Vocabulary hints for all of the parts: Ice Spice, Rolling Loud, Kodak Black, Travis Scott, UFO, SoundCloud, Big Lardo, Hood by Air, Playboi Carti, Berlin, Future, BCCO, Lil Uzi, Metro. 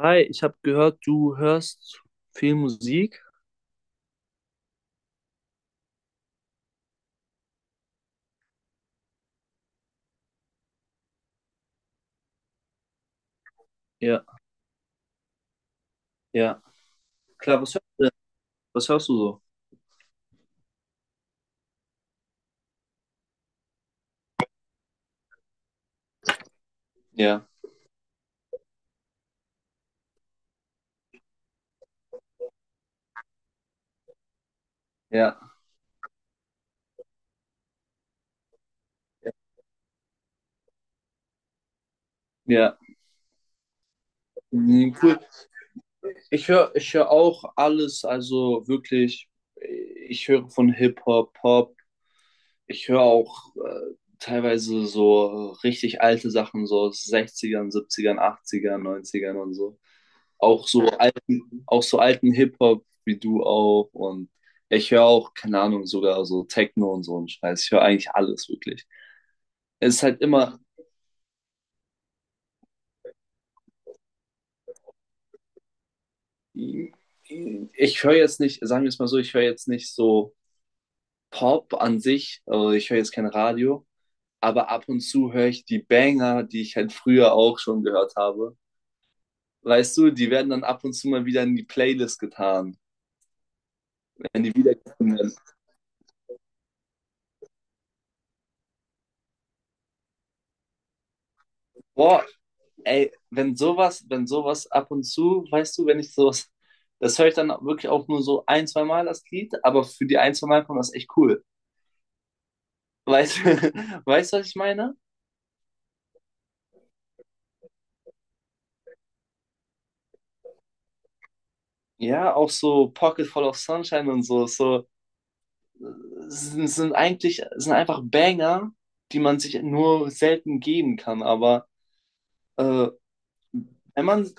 Hi, ich habe gehört, du hörst viel Musik. Ja, ja. Klar, was hörst du so? Ja, ja, ja. Mhm, cool. Ich höre auch alles, also wirklich, ich höre von Hip-Hop, Pop. Ich höre auch teilweise so richtig alte Sachen, so aus 60ern, 70ern, und so. Auch so alten Hip-Hop wie du auch. Und ich höre auch, keine Ahnung, sogar so Techno und so einen Scheiß. Ich höre eigentlich alles wirklich. Es ist halt immer, ich höre jetzt nicht, sagen wir es mal so, ich höre jetzt nicht so Pop an sich, also ich höre jetzt kein Radio, aber ab und zu höre ich die Banger, die ich halt früher auch schon gehört habe. Weißt du, die werden dann ab und zu mal wieder in die Playlist getan, wenn die wiedergefunden werden. Boah, ey, wenn sowas ab und zu, weißt du, wenn ich sowas, das höre ich dann wirklich auch nur so ein, zwei Mal das Lied, aber für die ein, zwei Mal kommt das echt cool. Weißt du, weißt du, was ich meine? Ja, auch so Pocket Full of Sunshine und so sind einfach Banger, die man sich nur selten geben kann, aber äh, wenn man,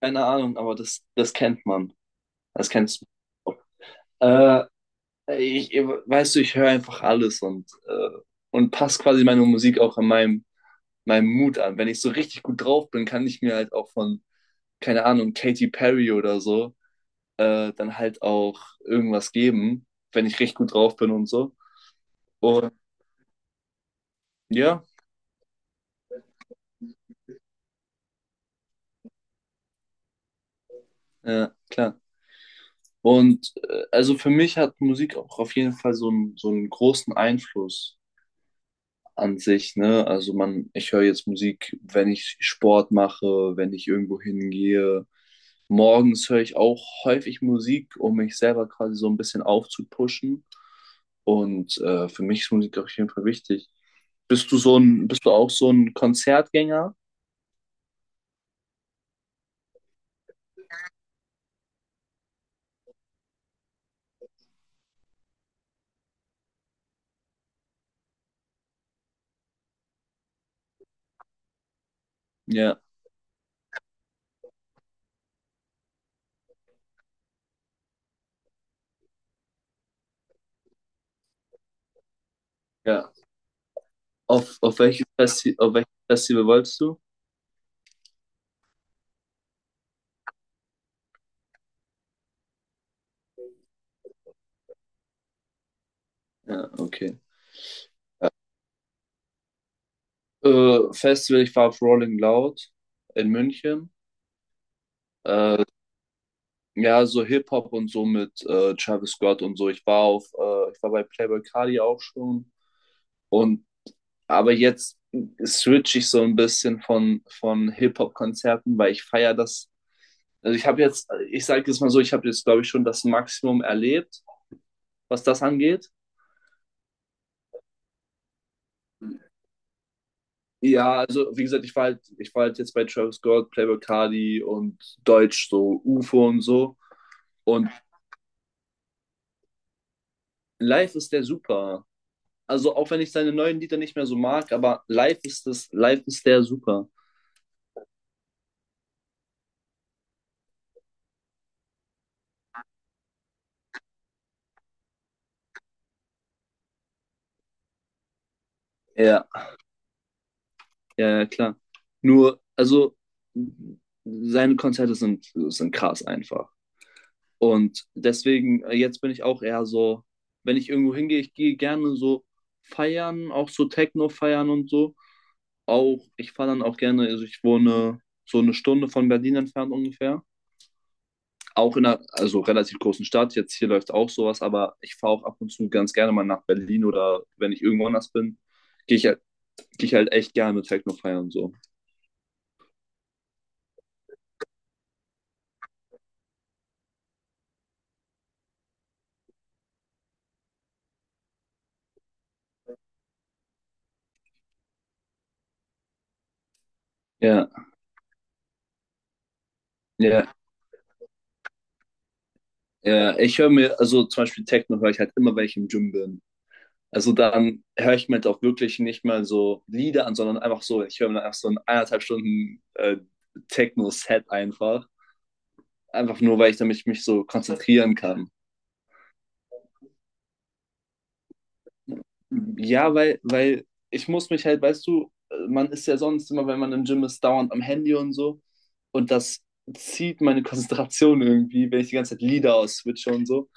keine Ahnung, aber das kennt man. Das kennst du. Äh, Weißt du, ich höre einfach alles und passe quasi meine Musik auch an meinem Mut an. Wenn ich so richtig gut drauf bin, kann ich mir halt auch von, keine Ahnung, Katy Perry oder so, dann halt auch irgendwas geben, wenn ich richtig gut drauf bin und so. Und ja, ja, klar. Und also für mich hat Musik auch auf jeden Fall so einen großen Einfluss an sich, ne? Also, ich höre jetzt Musik, wenn ich Sport mache, wenn ich irgendwo hingehe. Morgens höre ich auch häufig Musik, um mich selber quasi so ein bisschen aufzupushen. Und für mich ist Musik auf jeden Fall wichtig. Bist du auch so ein Konzertgänger? Ja, ja. Auf welches Festival wolltest du? Ja, okay. Festival, ich war auf Rolling Loud in München. Äh, ja, so Hip-Hop und so mit Travis Scott und so. Ich war bei Playboi Carti auch schon. Und aber jetzt switch ich so ein bisschen von Hip-Hop-Konzerten, weil ich feiere das. Also ich habe jetzt, ich sage jetzt mal so, ich habe jetzt, glaube ich, schon das Maximum erlebt, was das angeht. Ja, also wie gesagt, ich war halt jetzt bei Travis Scott, Playboi Carti und Deutsch, so UFO und so. Und live ist der super. Also auch wenn ich seine neuen Lieder nicht mehr so mag, aber live ist der super. Ja. Ja, ja, klar. Nur, also seine Konzerte sind krass einfach. Und deswegen, jetzt bin ich auch eher so, wenn ich irgendwo hingehe, ich gehe gerne so feiern, auch so Techno feiern und so. Auch, ich fahre dann auch gerne, also ich wohne so eine Stunde von Berlin entfernt ungefähr. Auch in einer, also relativ großen Stadt. Jetzt hier läuft auch sowas, aber ich fahre auch ab und zu ganz gerne mal nach Berlin oder wenn ich irgendwo anders bin, gehe ich, halt- gehe ich halt echt gerne Techno feiern und so. Ja, ja. Ja, ich höre mir, also zum Beispiel Techno höre ich halt immer, wenn ich im Gym bin. Also dann höre ich mir halt auch wirklich nicht mal so Lieder an, sondern einfach so, ich höre mir dann einfach so ein eineinhalb Stunden Techno-Set einfach. Einfach nur, weil ich damit mich so konzentrieren kann. Ja, weil ich muss mich halt, weißt du, man ist ja sonst immer, wenn man im Gym ist, dauernd am Handy und so. Und das zieht meine Konzentration irgendwie, wenn ich die ganze Zeit Lieder ausswitche und so.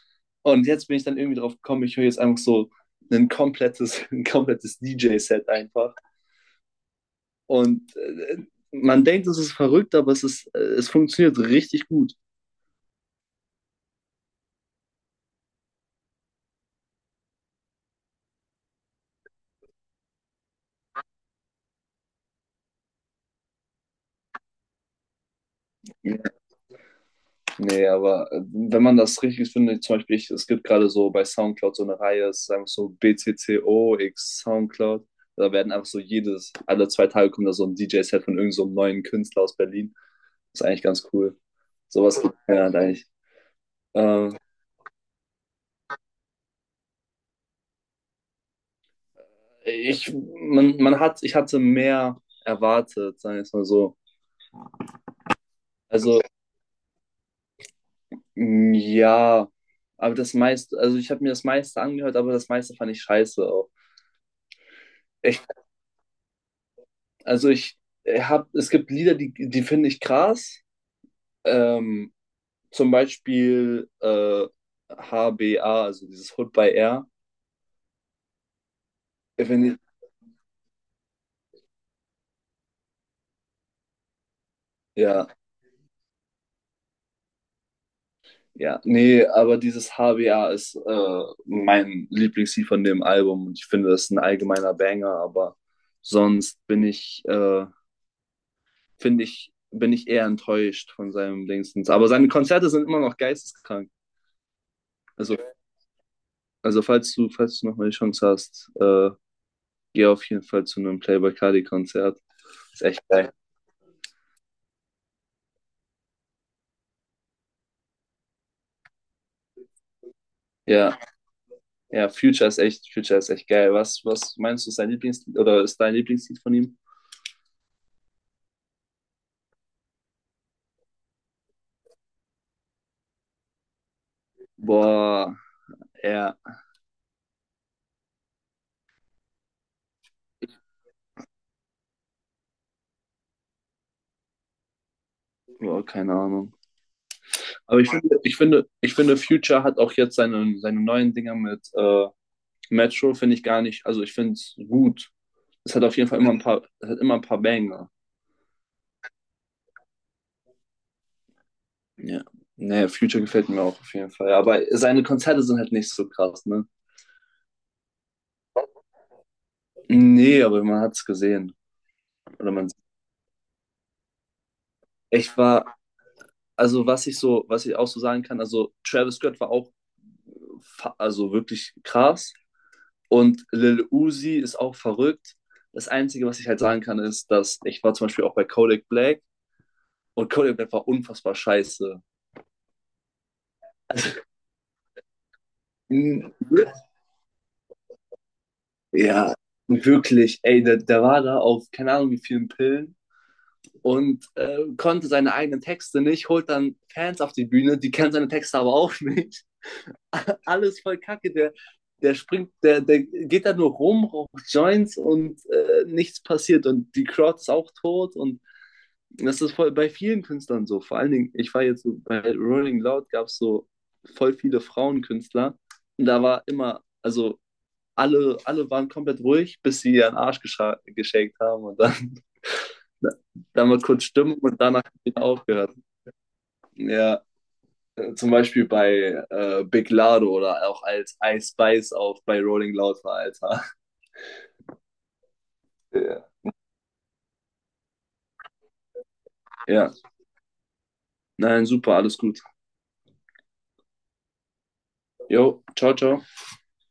Und jetzt bin ich dann irgendwie drauf gekommen, ich höre jetzt einfach so ein komplettes, ein komplettes DJ-Set einfach. Und man denkt, es ist verrückt, aber es funktioniert richtig gut. Nee, aber wenn man das richtig findet, zum Beispiel, es gibt gerade so bei SoundCloud so eine Reihe, es ist einfach so BCCO x SoundCloud. Da werden einfach so alle zwei Tage kommt da so ein DJ-Set von irgend so einem neuen Künstler aus Berlin. Das ist eigentlich ganz cool. Sowas gibt es ja eigentlich. Äh, ich hatte mehr erwartet, sagen wir es mal so. Also, ja, aber das meiste, also ich habe mir das meiste angehört, aber das meiste fand ich scheiße auch. Also ich habe, es gibt Lieder, die finde ich krass. Ähm, zum Beispiel HBA, also dieses Hood by Air. Ich find, ja, ja, nee, aber dieses HBA ist mein Lieblingslied von dem Album und ich finde, das ist ein allgemeiner Banger, aber sonst finde ich, bin ich eher enttäuscht von seinem Dingstens. Aber seine Konzerte sind immer noch geisteskrank. Also, also, falls du nochmal die Chance hast, gehe auf jeden Fall zu einem Playboi Carti Konzert. Ist echt geil. Ja, ja, Future ist echt geil. Was meinst du, ist dein Lieblingslied oder ist dein Lieblingslied von ihm? Boah, ja, boah, keine Ahnung. Aber ich finde, Future hat auch jetzt seine neuen Dinger mit Metro, finde ich gar nicht. Also ich finde es gut. Es hat auf jeden Fall immer ein paar, es hat immer ein paar Banger. Ja. Nee, Future gefällt mir auch auf jeden Fall. Aber seine Konzerte sind halt nicht so krass, ne? Nee, aber man hat es gesehen. Oder man Ich war, also was ich auch so sagen kann, also Travis Scott war auch, also wirklich krass und Lil Uzi ist auch verrückt. Das Einzige, was ich halt sagen kann, ist, dass ich war zum Beispiel auch bei Kodak Black und Kodak Black war unfassbar scheiße. Mm. Ja, wirklich, ey, der war da auf keine Ahnung wie vielen Pillen und konnte seine eigenen Texte nicht, holt dann Fans auf die Bühne, die kennen seine Texte aber auch nicht. Alles voll kacke. Der geht da nur rum, raucht Joints und nichts passiert. Und die Crowd ist auch tot. Und das ist voll bei vielen Künstlern so. Vor allen Dingen, ich war jetzt so, bei Rolling Loud, gab es so voll viele Frauenkünstler. Und da war immer, also alle waren komplett ruhig, bis sie ihren Arsch geschenkt haben und dann, dann mal kurz Stimmung und danach wieder aufgehört. Ja, zum Beispiel bei Big Lardo oder auch als Ice Spice auf bei Rolling Loud war, Alter. Ja. Ja, nein, super, alles gut. Jo, ciao, ciao.